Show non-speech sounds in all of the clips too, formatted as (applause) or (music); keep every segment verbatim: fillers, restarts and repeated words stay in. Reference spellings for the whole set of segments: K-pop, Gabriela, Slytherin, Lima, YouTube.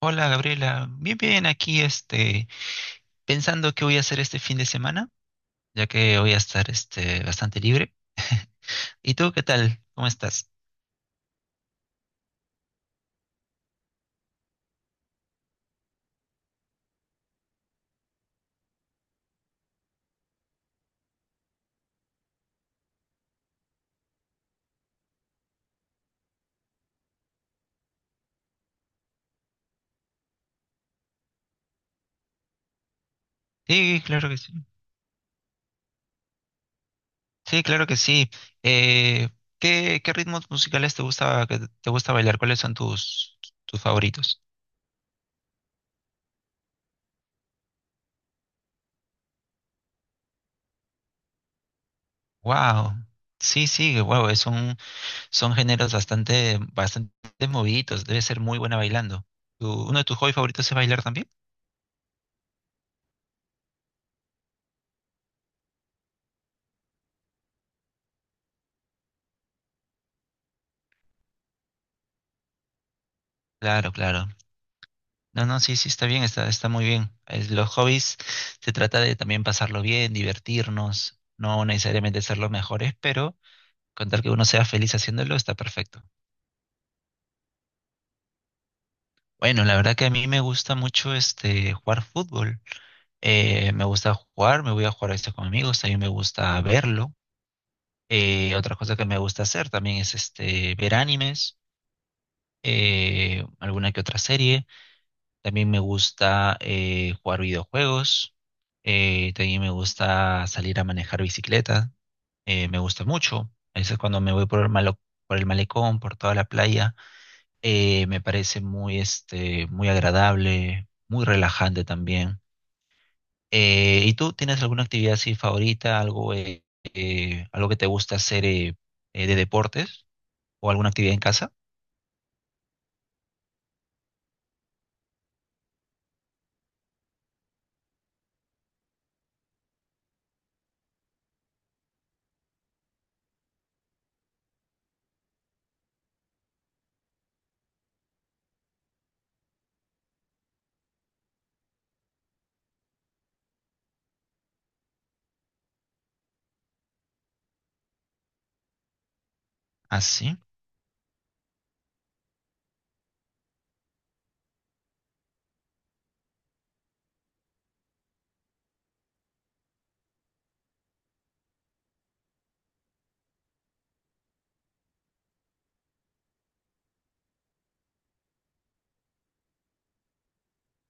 Hola Gabriela, bien bien aquí este pensando qué voy a hacer este fin de semana, ya que voy a estar este bastante libre. ¿Y tú qué tal? ¿Cómo estás? Sí, claro que sí. Sí, claro que sí. Eh, ¿qué, qué ritmos musicales te gusta que te gusta bailar? ¿Cuáles son tus tus favoritos? Wow. Sí, sí, wow, es un- son géneros bastante bastante moviditos, debe ser muy buena bailando. ¿Tu- uno de tus hobbies favoritos es bailar también? Claro, claro. No, no, sí, sí, está bien, está, está muy bien. Es- los hobbies se trata de también pasarlo bien, divertirnos, no necesariamente ser los mejores, pero con tal que uno sea feliz haciéndolo, está perfecto. Bueno, la verdad que a mí me gusta mucho este jugar fútbol. Eh, me gusta jugar, me voy a jugar esto con amigos, también me gusta verlo. Eh, otra cosa que me gusta hacer también es este ver animes, eh, alguna que otra serie. También me gusta eh, jugar videojuegos. Eh, también me gusta salir a manejar bicicleta. Eh, me gusta mucho. A veces cuando me voy por el malo- por el malecón, por toda la playa, eh, me parece muy, este, muy agradable, muy relajante también. Eh, ¿y tú tienes alguna actividad así favorita, algo, eh, eh, algo que te gusta hacer eh, eh, de deportes o alguna actividad en casa? Así.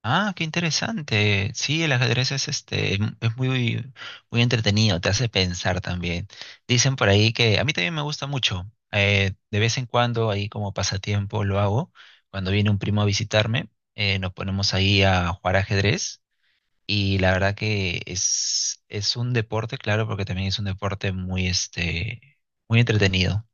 Ah, qué interesante. Sí, el ajedrez es este, em- es muy, muy entretenido, te hace pensar también. Dicen por ahí que a mí también me gusta mucho. Eh, de vez en cuando, ahí como pasatiempo lo hago. Cuando viene un primo a visitarme, eh, nos ponemos ahí a jugar ajedrez. Y la verdad que es, es un deporte, claro, porque también es un deporte muy, este, muy entretenido.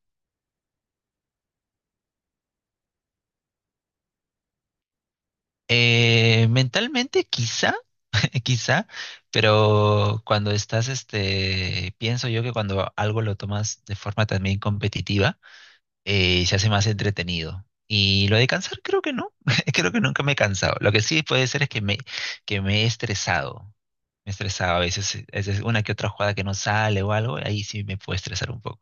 Eh, mentalmente, quizá. (laughs) Eh, quizá, pero cuando estás, este, pienso yo que cuando algo lo tomas de forma también competitiva, eh, se hace más entretenido. Y lo de cansar, creo que no, (laughs) creo que nunca me he cansado. Lo que sí puede ser es que me, que me he estresado. Me he estresado a veces, a veces una que otra jugada que no sale o algo, ahí sí me puede estresar un poco.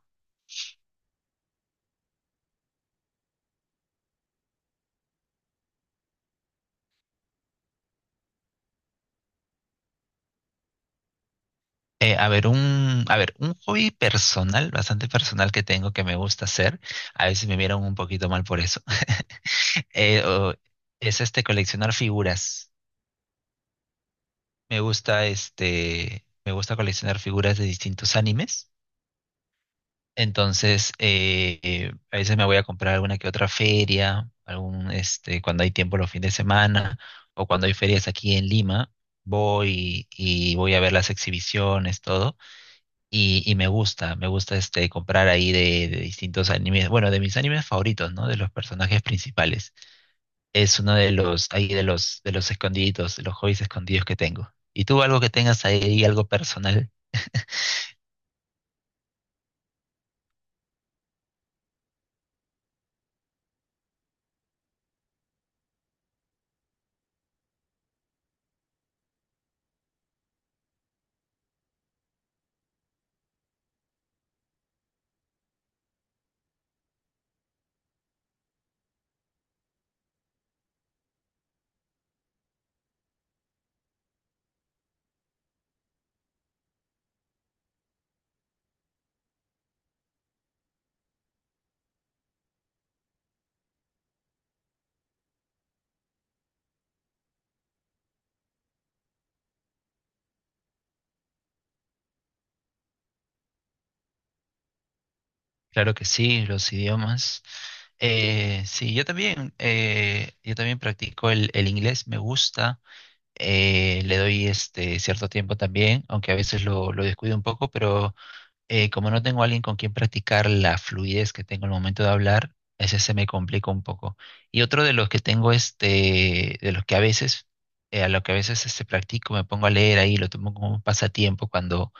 Eh, a ver, un, a ver, un hobby personal, bastante personal que tengo que me gusta hacer. A veces me vieron un poquito mal por eso. (laughs) eh, o- es este coleccionar figuras. Me gusta este, me gusta coleccionar figuras de distintos animes. Entonces, eh, eh, a veces me voy a comprar alguna que otra feria, algún este, cuando hay tiempo los fines de semana o cuando hay ferias aquí en Lima, voy y, voy a ver las exhibiciones, todo. Y, y me gusta, me gusta este comprar ahí de, de distintos animes, bueno, de mis animes favoritos, ¿no? De los personajes principales. Es uno de los, ahí de los, de los escondiditos, de los hobbies escondidos que tengo. ¿Y tú algo que tengas ahí, algo personal? Claro que sí, los idiomas. Eh, sí, yo también, eh, yo también practico el, el inglés, me gusta. Eh, le doy este cierto tiempo también, aunque a veces lo, lo descuido un poco, pero eh, como no tengo alguien con quien practicar la fluidez que tengo al momento de hablar, ese se me complica un poco. Y otro de los que tengo, este, de los que a veces, eh, a lo que a veces este, practico, me pongo a leer ahí, lo tomo como un pasatiempo cuando,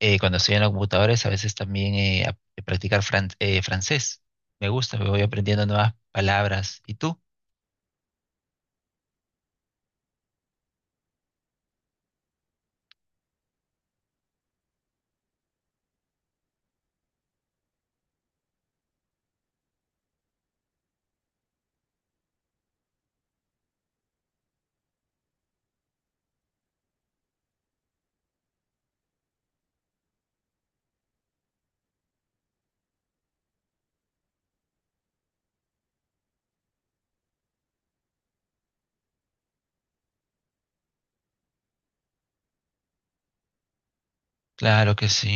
eh, cuando estoy en los computadores, a veces también eh, a- eh, practicar fran- eh, francés. Me gusta, me voy aprendiendo nuevas palabras. ¿Y tú? Claro que sí.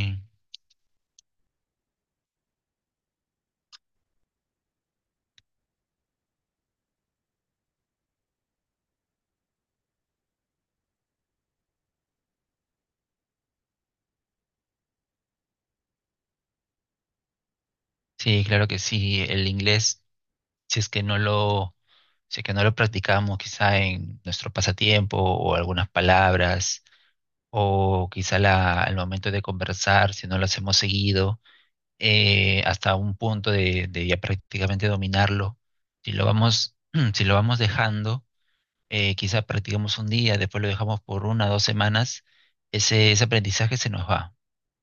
Sí, claro que sí. El inglés, si es que no lo Si es que no lo practicamos quizá en nuestro pasatiempo o algunas palabras, o quizá la- al momento de conversar, si no lo hacemos seguido, eh, hasta un punto de, de ya prácticamente dominarlo, si lo vamos, (clears throat) si lo vamos dejando, eh, quizá practicamos un día, después lo dejamos por una o dos semanas, ese, ese aprendizaje se nos va.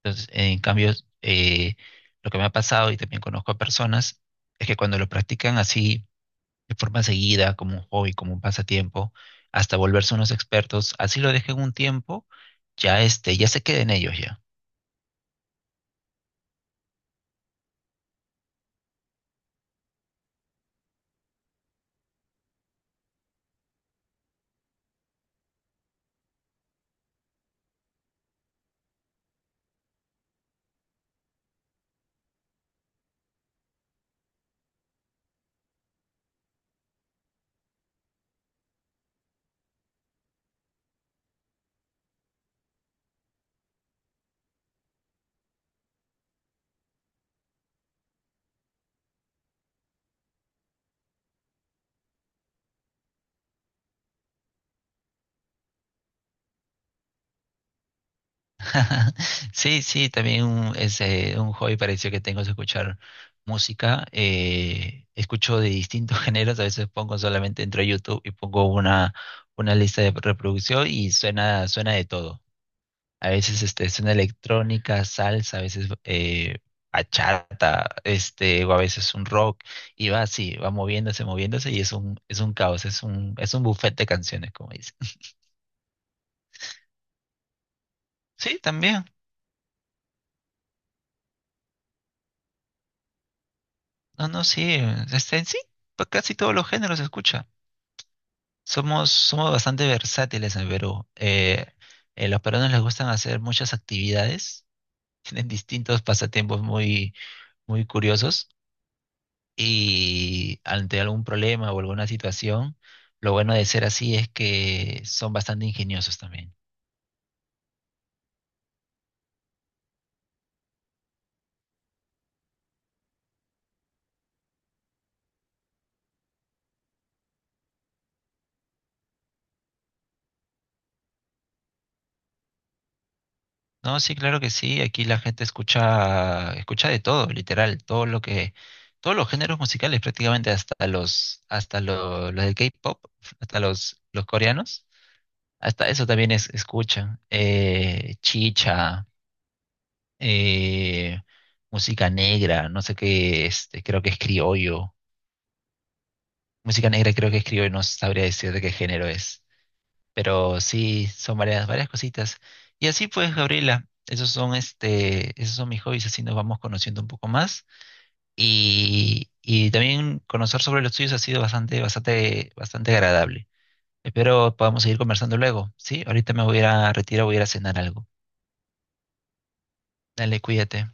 Entonces, en cambio, eh, lo que me ha pasado y también conozco a personas es que cuando lo practican así, de forma seguida, como un hobby, como un pasatiempo, hasta volverse unos expertos, así lo dejen un tiempo, ya este, ya se queden ellos ya. (laughs) Sí, sí, también un, ese, un hobby parecido que tengo es escuchar música. Eh, escucho de distintos (laughs) géneros, a veces pongo solamente entro a YouTube y pongo una, una lista de reproducción y suena, suena de todo. A veces este, suena electrónica, salsa, a veces eh, bachata, este, o a veces un rock, y va así, va moviéndose, moviéndose, y es un, es un caos, es un, es un buffet de canciones, como dicen. Sí, también. No, no, sí. Este, en sí, pues casi todos los géneros se escucha. Somos, somos bastante versátiles en Perú. Eh, eh, los peruanos les gustan hacer muchas actividades, (laughs) tienen distintos pasatiempos muy, muy curiosos. Y ante algún problema o alguna situación, lo bueno de ser así es que son bastante ingeniosos también. No, sí, claro que sí, aquí la gente escucha, escucha de todo, literal, todo lo que, todos los géneros musicales prácticamente, hasta los, hasta lo- los del K-pop, hasta los, los coreanos, hasta eso también es, escuchan, eh, chicha, eh, música negra, no sé qué, este, creo que es criollo. Música negra creo que escribo y no sabría decir de qué género es. Pero sí, son varias, varias cositas. Y así pues, Gabriela, esos son este, esos son mis hobbies, así nos vamos conociendo un poco más. Y, y también conocer sobre los tuyos ha sido bastante, bastante, bastante agradable. Espero podamos seguir conversando luego, ¿sí? Ahorita me voy a ir a retirar, voy a ir a cenar algo. Dale, cuídate.